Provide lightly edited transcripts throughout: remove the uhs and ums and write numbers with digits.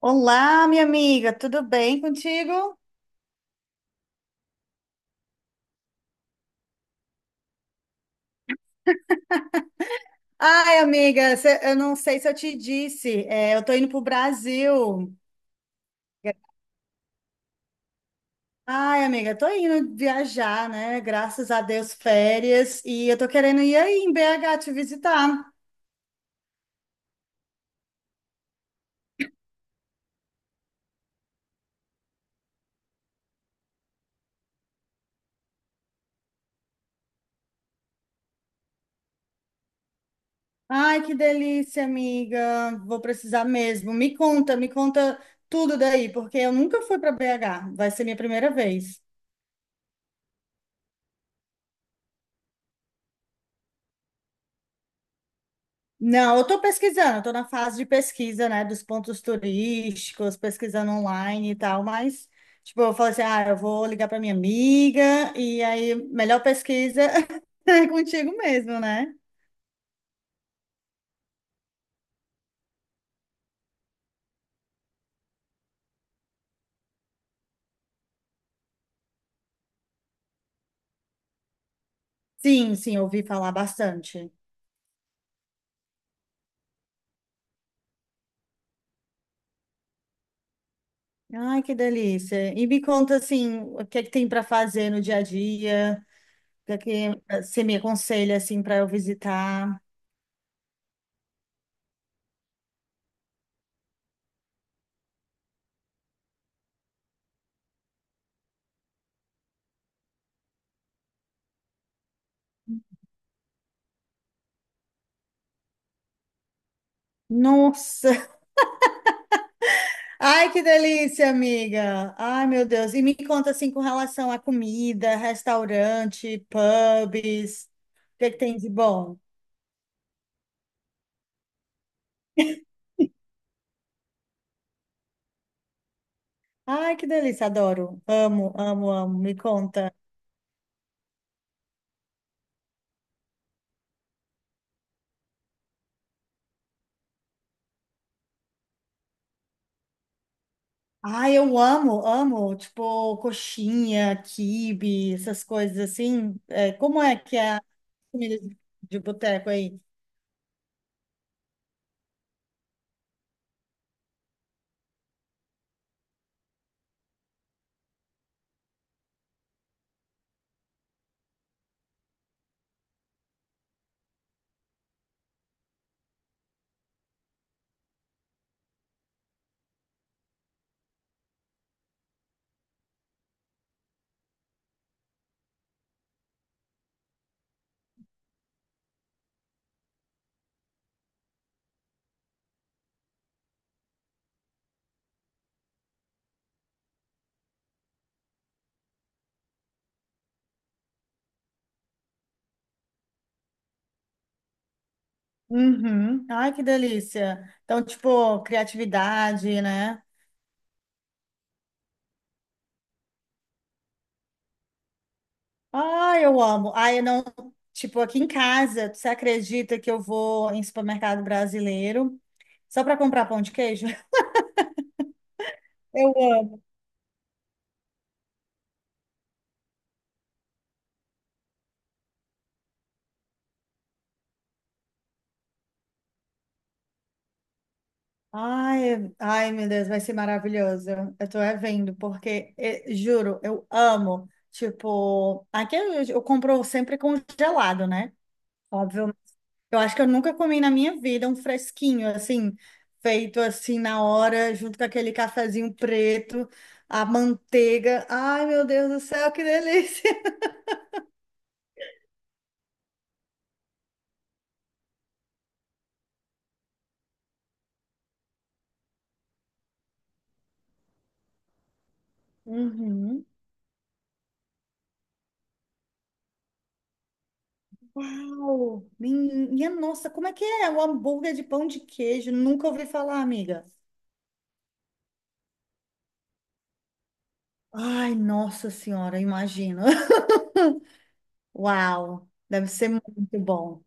Olá, minha amiga, tudo bem contigo? Ai, amiga, eu não sei se eu te disse, eu tô indo pro Brasil. Ai, amiga, tô indo viajar, né? Graças a Deus, férias, e eu tô querendo ir aí em BH te visitar. Ai, que delícia, amiga, vou precisar mesmo. Me conta tudo daí, porque eu nunca fui para BH, vai ser minha primeira vez. Não, eu estou pesquisando, estou na fase de pesquisa, né, dos pontos turísticos, pesquisando online e tal, mas, tipo, eu falei assim, ah, eu vou ligar para minha amiga, e aí, melhor pesquisa é contigo mesmo, né? Sim, sim, ouvi falar bastante. Ai, que delícia. E me conta, assim, o que é que tem para fazer no dia a dia, o que é que você me aconselha, assim, para eu visitar? Nossa! Ai, que delícia, amiga. Ai, meu Deus. E me conta assim com relação à comida, restaurante, pubs. O que que tem de bom? Ai, que delícia, adoro. Amo, amo, amo. Me conta. Ai, eu amo, amo. Tipo, coxinha, quibe, essas coisas assim. É, como é que é a comida de boteco aí? Uhum. Ai, que delícia. Então, tipo, criatividade, né? Ah, eu amo. Ah, eu não. Tipo, aqui em casa, você acredita que eu vou em supermercado brasileiro só para comprar pão de queijo? Eu amo. Ai, ai, meu Deus, vai ser maravilhoso. Eu tô é vendo, porque, juro, eu amo. Tipo, aqui eu, compro sempre congelado, né? Óbvio. Eu acho que eu nunca comi na minha vida um fresquinho, assim, feito assim na hora, junto com aquele cafezinho preto, a manteiga. Ai, meu Deus do céu, que delícia! Uhum. Uau! Minha nossa, como é que é? O hambúrguer de pão de queijo? Nunca ouvi falar, amiga. Ai, nossa senhora, imagina. Uau! Deve ser muito bom.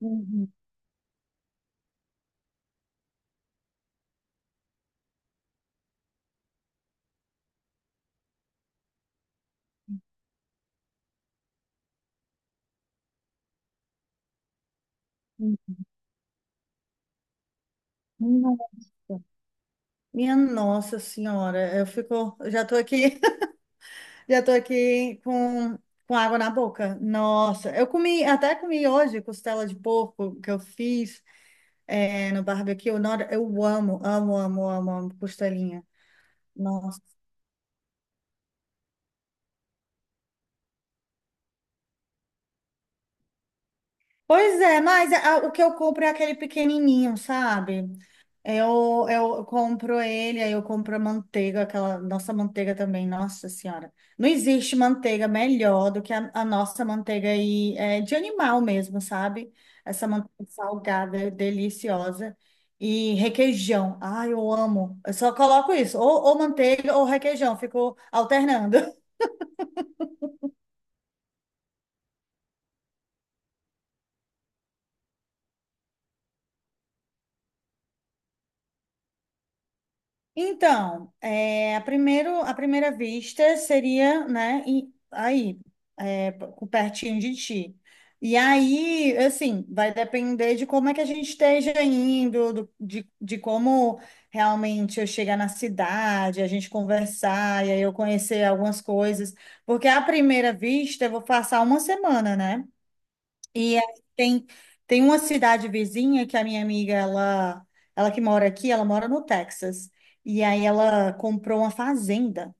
Uhum. Nossa. Minha nossa senhora, eu fico, eu já tô aqui. Já tô aqui com, com água na boca. Nossa, eu comi, até comi hoje costela de porco que eu fiz no barbecue. Nossa, eu amo, amo, amo, amo, amo costelinha. Pois é, mas o que eu compro é aquele pequenininho, sabe? Eu, compro ele, aí eu compro a manteiga, aquela nossa manteiga também, nossa senhora. Não existe manteiga melhor do que a, nossa manteiga aí, é, de animal mesmo, sabe? Essa manteiga salgada, deliciosa. E requeijão, ai, eu amo. Eu só coloco isso, ou manteiga ou requeijão, fico alternando. Então, a primeira vista seria, né, pertinho de ti. E aí, assim, vai depender de como é que a gente esteja indo, de como realmente eu chegar na cidade, a gente conversar, e aí eu conhecer algumas coisas. Porque à primeira vista eu vou passar uma semana, né? E aí tem, uma cidade vizinha que a minha amiga, ela que mora aqui, ela mora no Texas. E aí ela comprou uma fazenda.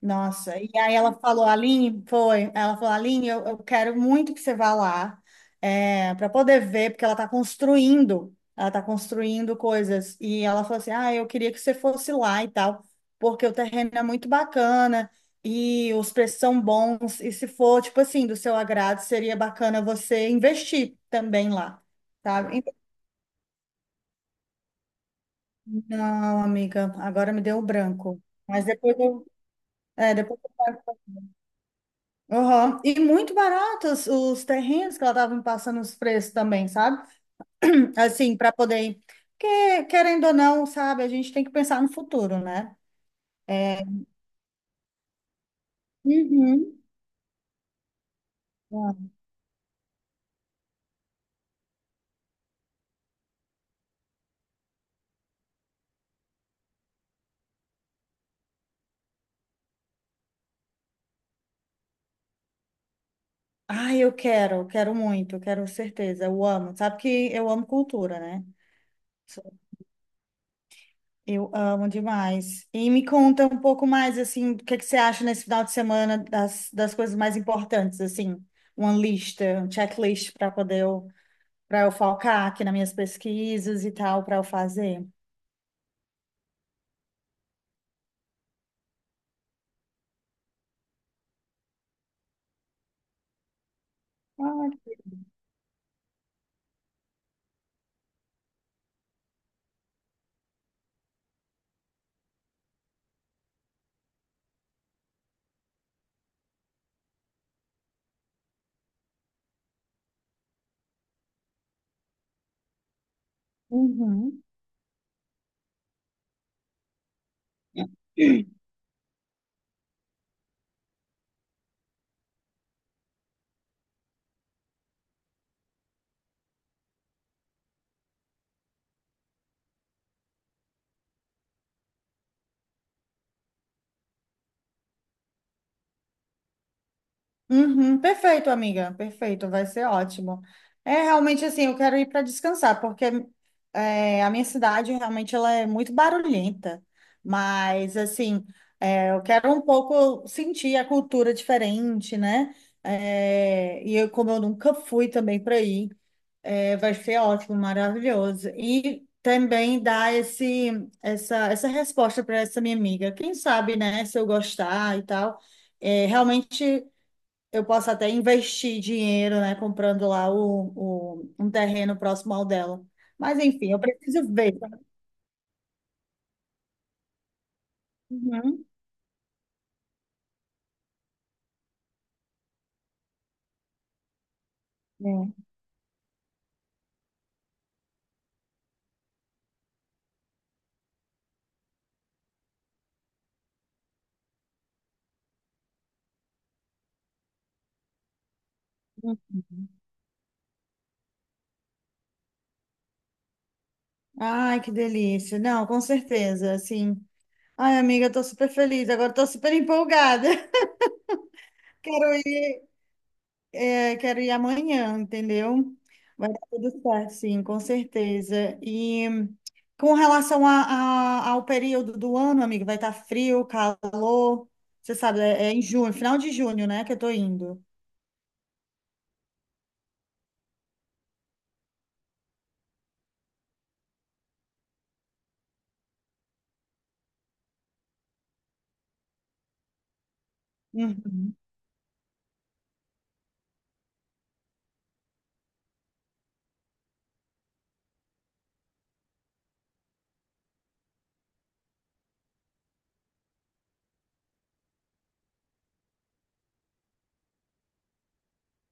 Nossa, e aí ela falou, Aline, foi, ela falou, Aline, eu, quero muito que você vá lá para poder ver, porque ela está construindo coisas. E ela falou assim, ah, eu queria que você fosse lá e tal, porque o terreno é muito bacana e os preços são bons, e se for, tipo assim, do seu agrado, seria bacana você investir também lá, sabe? Então, não, amiga, agora me deu um branco. Mas depois eu, é, depois eu. Aham. E muito baratos os terrenos que ela estava me passando os preços também, sabe? Assim, para poder. Porque, querendo ou não, sabe, a gente tem que pensar no futuro, né? É. Uhum. Ai, eu quero muito, eu quero certeza, eu amo. Sabe que eu amo cultura, né? Eu amo demais. E me conta um pouco mais, assim, o que que você acha nesse final de semana das, das coisas mais importantes, assim, uma lista, um checklist para poder eu para eu focar aqui nas minhas pesquisas e tal, para eu fazer. Ah, uhum. Uhum, perfeito, amiga, perfeito, vai ser ótimo. É realmente assim, eu quero ir para descansar, porque a minha cidade realmente ela é muito barulhenta, mas assim, eu quero um pouco sentir a cultura diferente, né? É, e eu, como eu nunca fui também para aí, é, vai ser ótimo, maravilhoso. E também dar esse, essa resposta para essa minha amiga. Quem sabe, né, se eu gostar e tal, realmente eu posso até investir dinheiro, né, comprando lá um terreno próximo ao dela. Mas enfim, eu preciso ver. Uhum. É. Uhum. Ai, que delícia. Não, com certeza, assim. Ai, amiga, eu tô super feliz. Agora eu tô super empolgada. Quero ir. É, quero ir amanhã, entendeu? Vai dar tudo certo, sim, com certeza. E com relação ao período do ano, amigo, vai estar frio, calor. Você sabe, é em junho, final de junho, né, que eu tô indo. Uhum.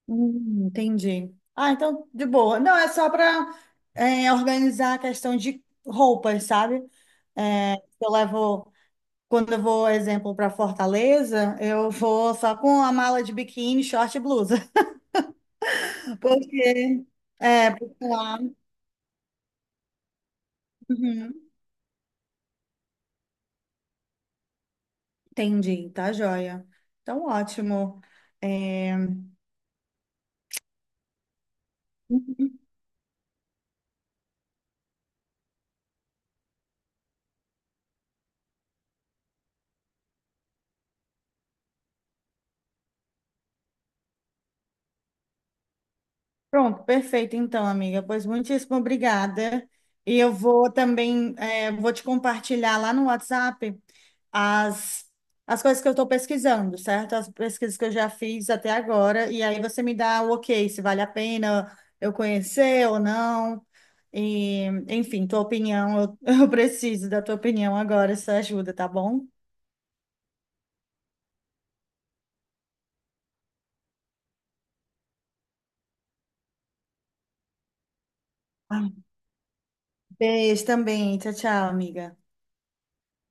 Entendi. Ah, então, de boa. Não, é só para organizar a questão de roupas, sabe? É, eu levo. Quando eu vou, exemplo, para Fortaleza, eu vou só com a mala de biquíni, short e blusa. Porque, é, porque lá. Uhum, entendi, tá joia. Então, ótimo. É, pronto, perfeito então, amiga. Pois muitíssimo obrigada. E eu vou também, vou te compartilhar lá no WhatsApp as, as coisas que eu estou pesquisando, certo? As pesquisas que eu já fiz até agora. E aí você me dá o ok, se vale a pena eu conhecer ou não. E, enfim, tua opinião, eu preciso da tua opinião agora, essa ajuda, tá bom? Ah, beijo também. Tchau, tchau, amiga.